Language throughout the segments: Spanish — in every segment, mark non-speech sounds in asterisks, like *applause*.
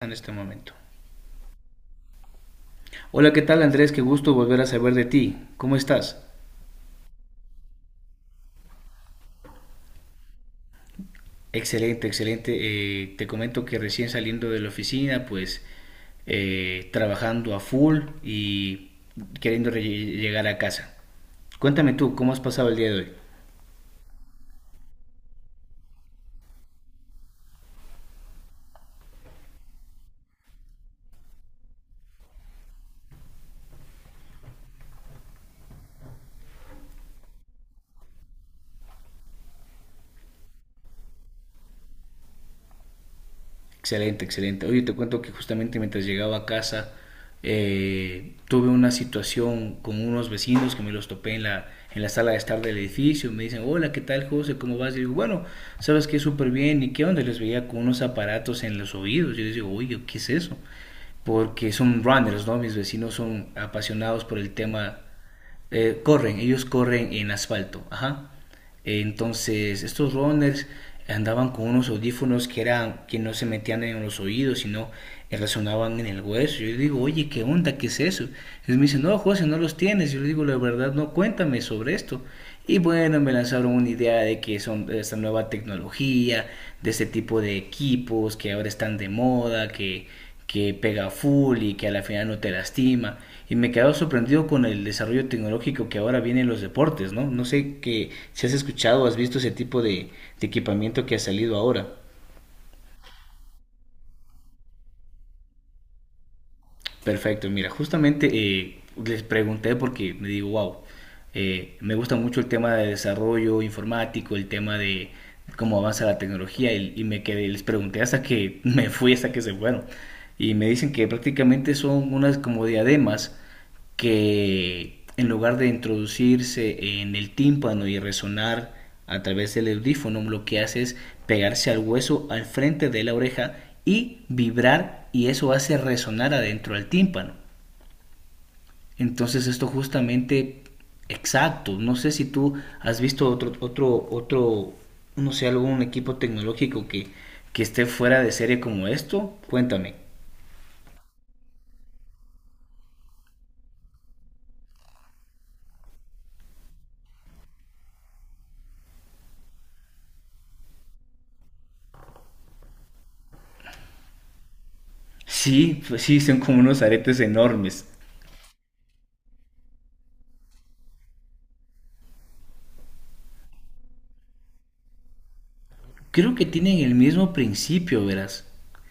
En este momento. Hola, ¿qué tal Andrés? Qué gusto volver a saber de ti. ¿Cómo estás? Excelente, excelente. Te comento que recién saliendo de la oficina, pues trabajando a full y queriendo llegar a casa. Cuéntame tú, ¿cómo has pasado el día de hoy? Excelente, excelente. Oye, te cuento que justamente mientras llegaba a casa tuve una situación con unos vecinos que me los topé en la sala de estar del edificio. Me dicen, hola, ¿qué tal, José? ¿Cómo vas? Y digo, bueno, sabes que súper bien. ¿Y qué onda? Les veía con unos aparatos en los oídos. Yo les digo, oye, ¿qué es eso? Porque son runners, ¿no? Mis vecinos son apasionados por el tema, corren, ellos corren en asfalto, ajá. Entonces, estos runners andaban con unos audífonos que eran que no se metían en los oídos, sino resonaban en el hueso. Yo le digo, oye, ¿qué onda? ¿Qué es eso? Y me dice, no, José, no los tienes. Yo le digo, la verdad, no, cuéntame sobre esto. Y bueno, me lanzaron una idea de que son de esta nueva tecnología, de este tipo de equipos que ahora están de moda, que pega full y que a la final no te lastima. Y me he quedado sorprendido con el desarrollo tecnológico que ahora viene en los deportes, ¿no? No sé que, si has escuchado o has visto ese tipo de equipamiento que ha salido ahora. Perfecto, mira, justamente les pregunté porque me digo, wow, me gusta mucho el tema de desarrollo informático, el tema de cómo avanza la tecnología y me quedé, les pregunté hasta que *laughs* me fui, hasta que se fueron. Y me dicen que prácticamente son unas como diademas que en lugar de introducirse en el tímpano y resonar a través del audífono, lo que hace es pegarse al hueso al frente de la oreja y vibrar y eso hace resonar adentro del tímpano. Entonces esto justamente exacto, no sé si tú has visto otro no sé algún equipo tecnológico que esté fuera de serie como esto, cuéntame. Sí, pues sí, son como unos aretes enormes. Creo que tienen el mismo principio, verás.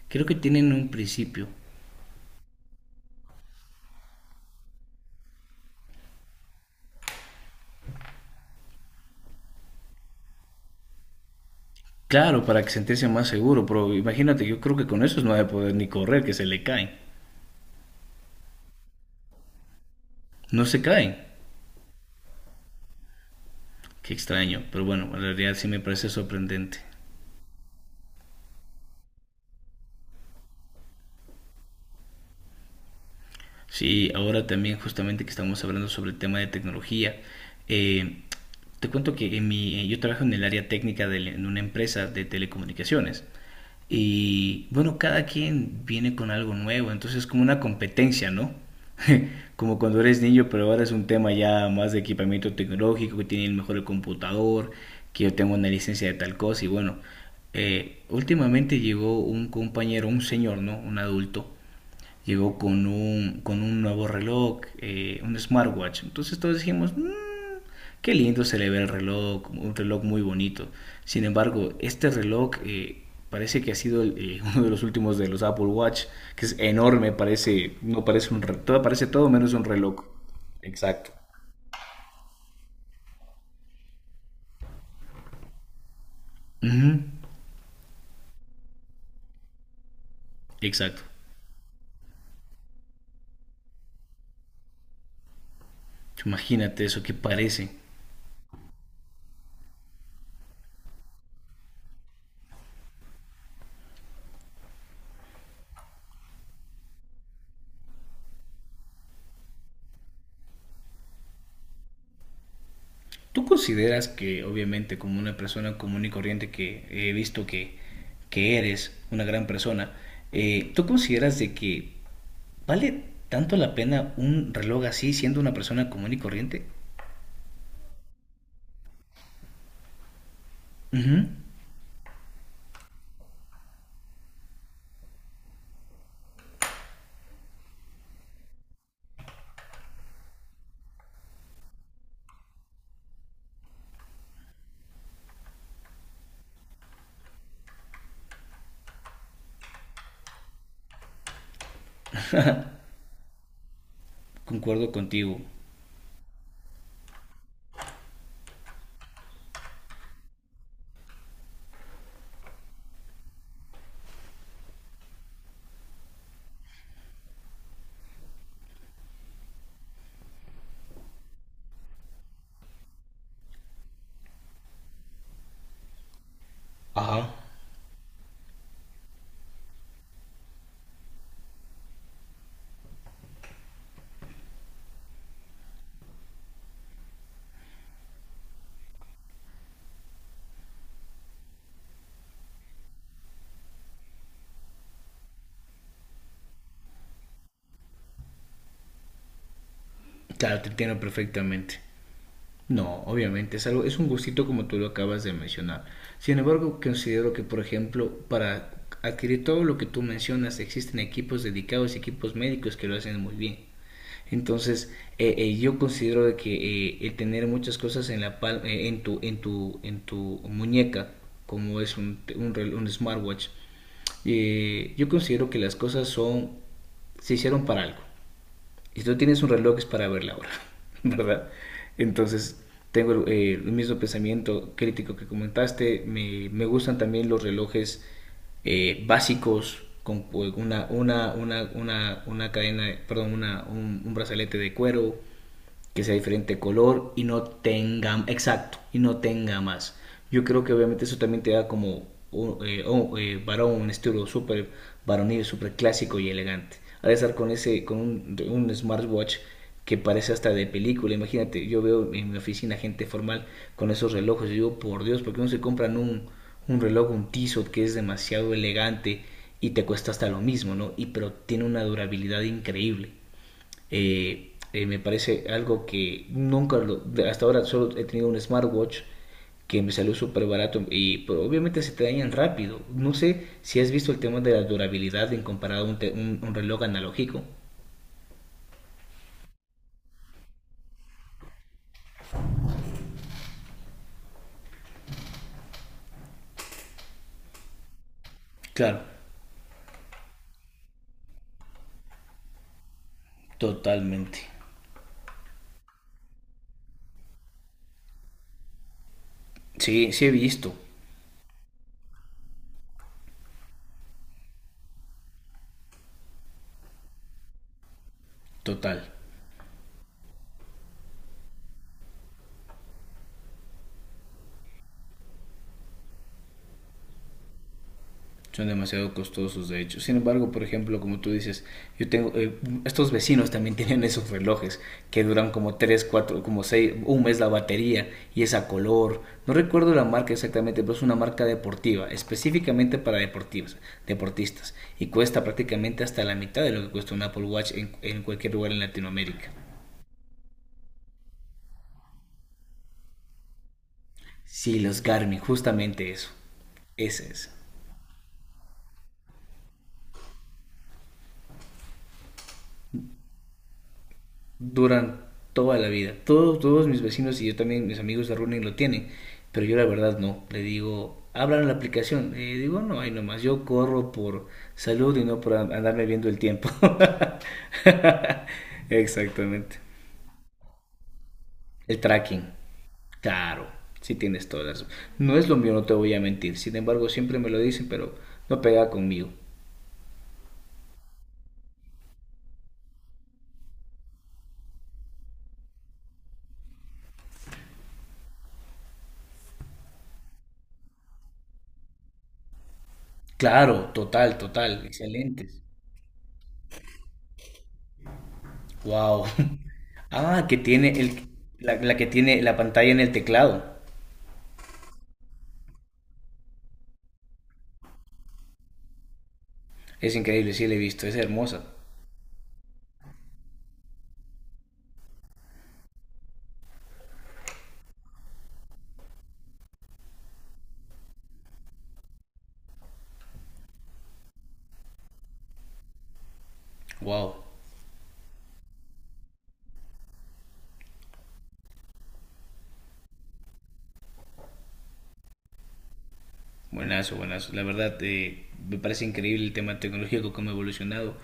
Creo que tienen un principio. Claro, para que sentirse más seguro, pero imagínate, yo creo que con esos no va a poder ni correr, que se le caen. No se caen. Qué extraño, pero bueno, en realidad sí me parece sorprendente. Sí, ahora también justamente que estamos hablando sobre el tema de tecnología, eh, te cuento que en yo trabajo en el área técnica de, en una empresa de telecomunicaciones y bueno, cada quien viene con algo nuevo, entonces es como una competencia, ¿no? *laughs* Como cuando eres niño, pero ahora es un tema ya más de equipamiento tecnológico, que tiene el mejor computador, que yo tengo una licencia de tal cosa y bueno, últimamente llegó un compañero, un señor, ¿no? Un adulto. Llegó con un nuevo reloj, un smartwatch. Entonces todos dijimos, "Mm, qué lindo se le ve el reloj, un reloj muy bonito". Sin embargo, este reloj parece que ha sido *laughs* uno de los últimos de los Apple Watch, que es enorme, parece, no parece un reloj, parece todo menos un reloj. Exacto. Ujú. Exacto. Imagínate eso qué parece. ¿Tú consideras que, obviamente, como una persona común y corriente que he visto que eres una gran persona, ¿tú consideras de que vale tanto la pena un reloj así siendo una persona común y corriente? Ujú. Concuerdo contigo. Ajá. Claro, te entiendo perfectamente. No, obviamente, es algo, es un gustito como tú lo acabas de mencionar. Sin embargo, considero que, por ejemplo, para adquirir todo lo que tú mencionas, existen equipos dedicados, equipos médicos que lo hacen muy bien. Entonces, yo considero de que el tener muchas cosas en la en en tu muñeca, como es un smartwatch, yo considero que las cosas son, se hicieron para algo. Y si tú tienes un reloj es para ver la hora, *laughs* ¿verdad? Entonces, tengo el mismo pensamiento crítico que comentaste. Me gustan también los relojes básicos con una cadena, perdón, un brazalete de cuero que sea diferente color y no tenga, exacto, y no tenga más. Yo creo que obviamente eso también te da como varón, un estilo súper varonil, súper clásico y elegante. Al estar con, ese, con un smartwatch que parece hasta de película, imagínate, yo veo en mi oficina gente formal con esos relojes y digo, por Dios, ¿por qué no se compran un reloj, un Tissot que es demasiado elegante y te cuesta hasta lo mismo, ¿no? Y pero tiene una durabilidad increíble. Me parece algo que nunca, hasta ahora solo he tenido un smartwatch que me salió súper barato y pero obviamente se te dañan rápido. No sé si has visto el tema de la durabilidad en comparado a un reloj analógico. Claro, totalmente. Sí, sí he visto, total. Son demasiado costosos de hecho. Sin embargo, por ejemplo, como tú dices, yo tengo estos vecinos también *laughs* tienen esos relojes que duran como 3, 4, como seis un mes la batería y es a color. No recuerdo la marca exactamente, pero es una marca deportiva, específicamente para deportivos, deportistas y cuesta prácticamente hasta la mitad de lo que cuesta un Apple Watch en cualquier lugar en Latinoamérica. Sí, los Garmin, justamente eso. Ese es. Duran toda la vida. Todos mis vecinos y yo también, mis amigos de Running lo tienen, pero yo la verdad no. Le digo, abran la aplicación. Digo, no, hay nomás, yo corro por salud y no por andarme viendo el tiempo. *laughs* Exactamente. El tracking, claro, sí tienes todas las... No es lo mío, no te voy a mentir. Sin embargo, siempre me lo dicen, pero no pega conmigo. Claro, total, total, excelentes. Wow. *laughs* Ah, que tiene la que tiene la pantalla en el teclado. Es increíble, sí la he visto, es hermosa. Wow. Buenazo, buenazo. La verdad, me parece increíble el tema tecnológico, cómo ha evolucionado.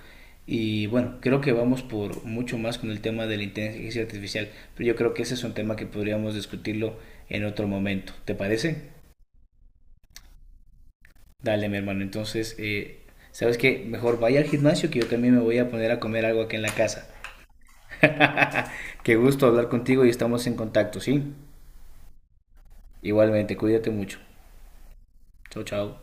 Y bueno, creo que vamos por mucho más con el tema de la inteligencia artificial, pero yo creo que ese es un tema que podríamos discutirlo en otro momento. ¿Te parece? Dale, mi hermano. Entonces, ¿sabes qué? Mejor vaya al gimnasio que yo también me voy a poner a comer algo aquí en la casa. *laughs* Qué gusto hablar contigo y estamos en contacto, ¿sí? Igualmente, cuídate mucho. Chao, chao.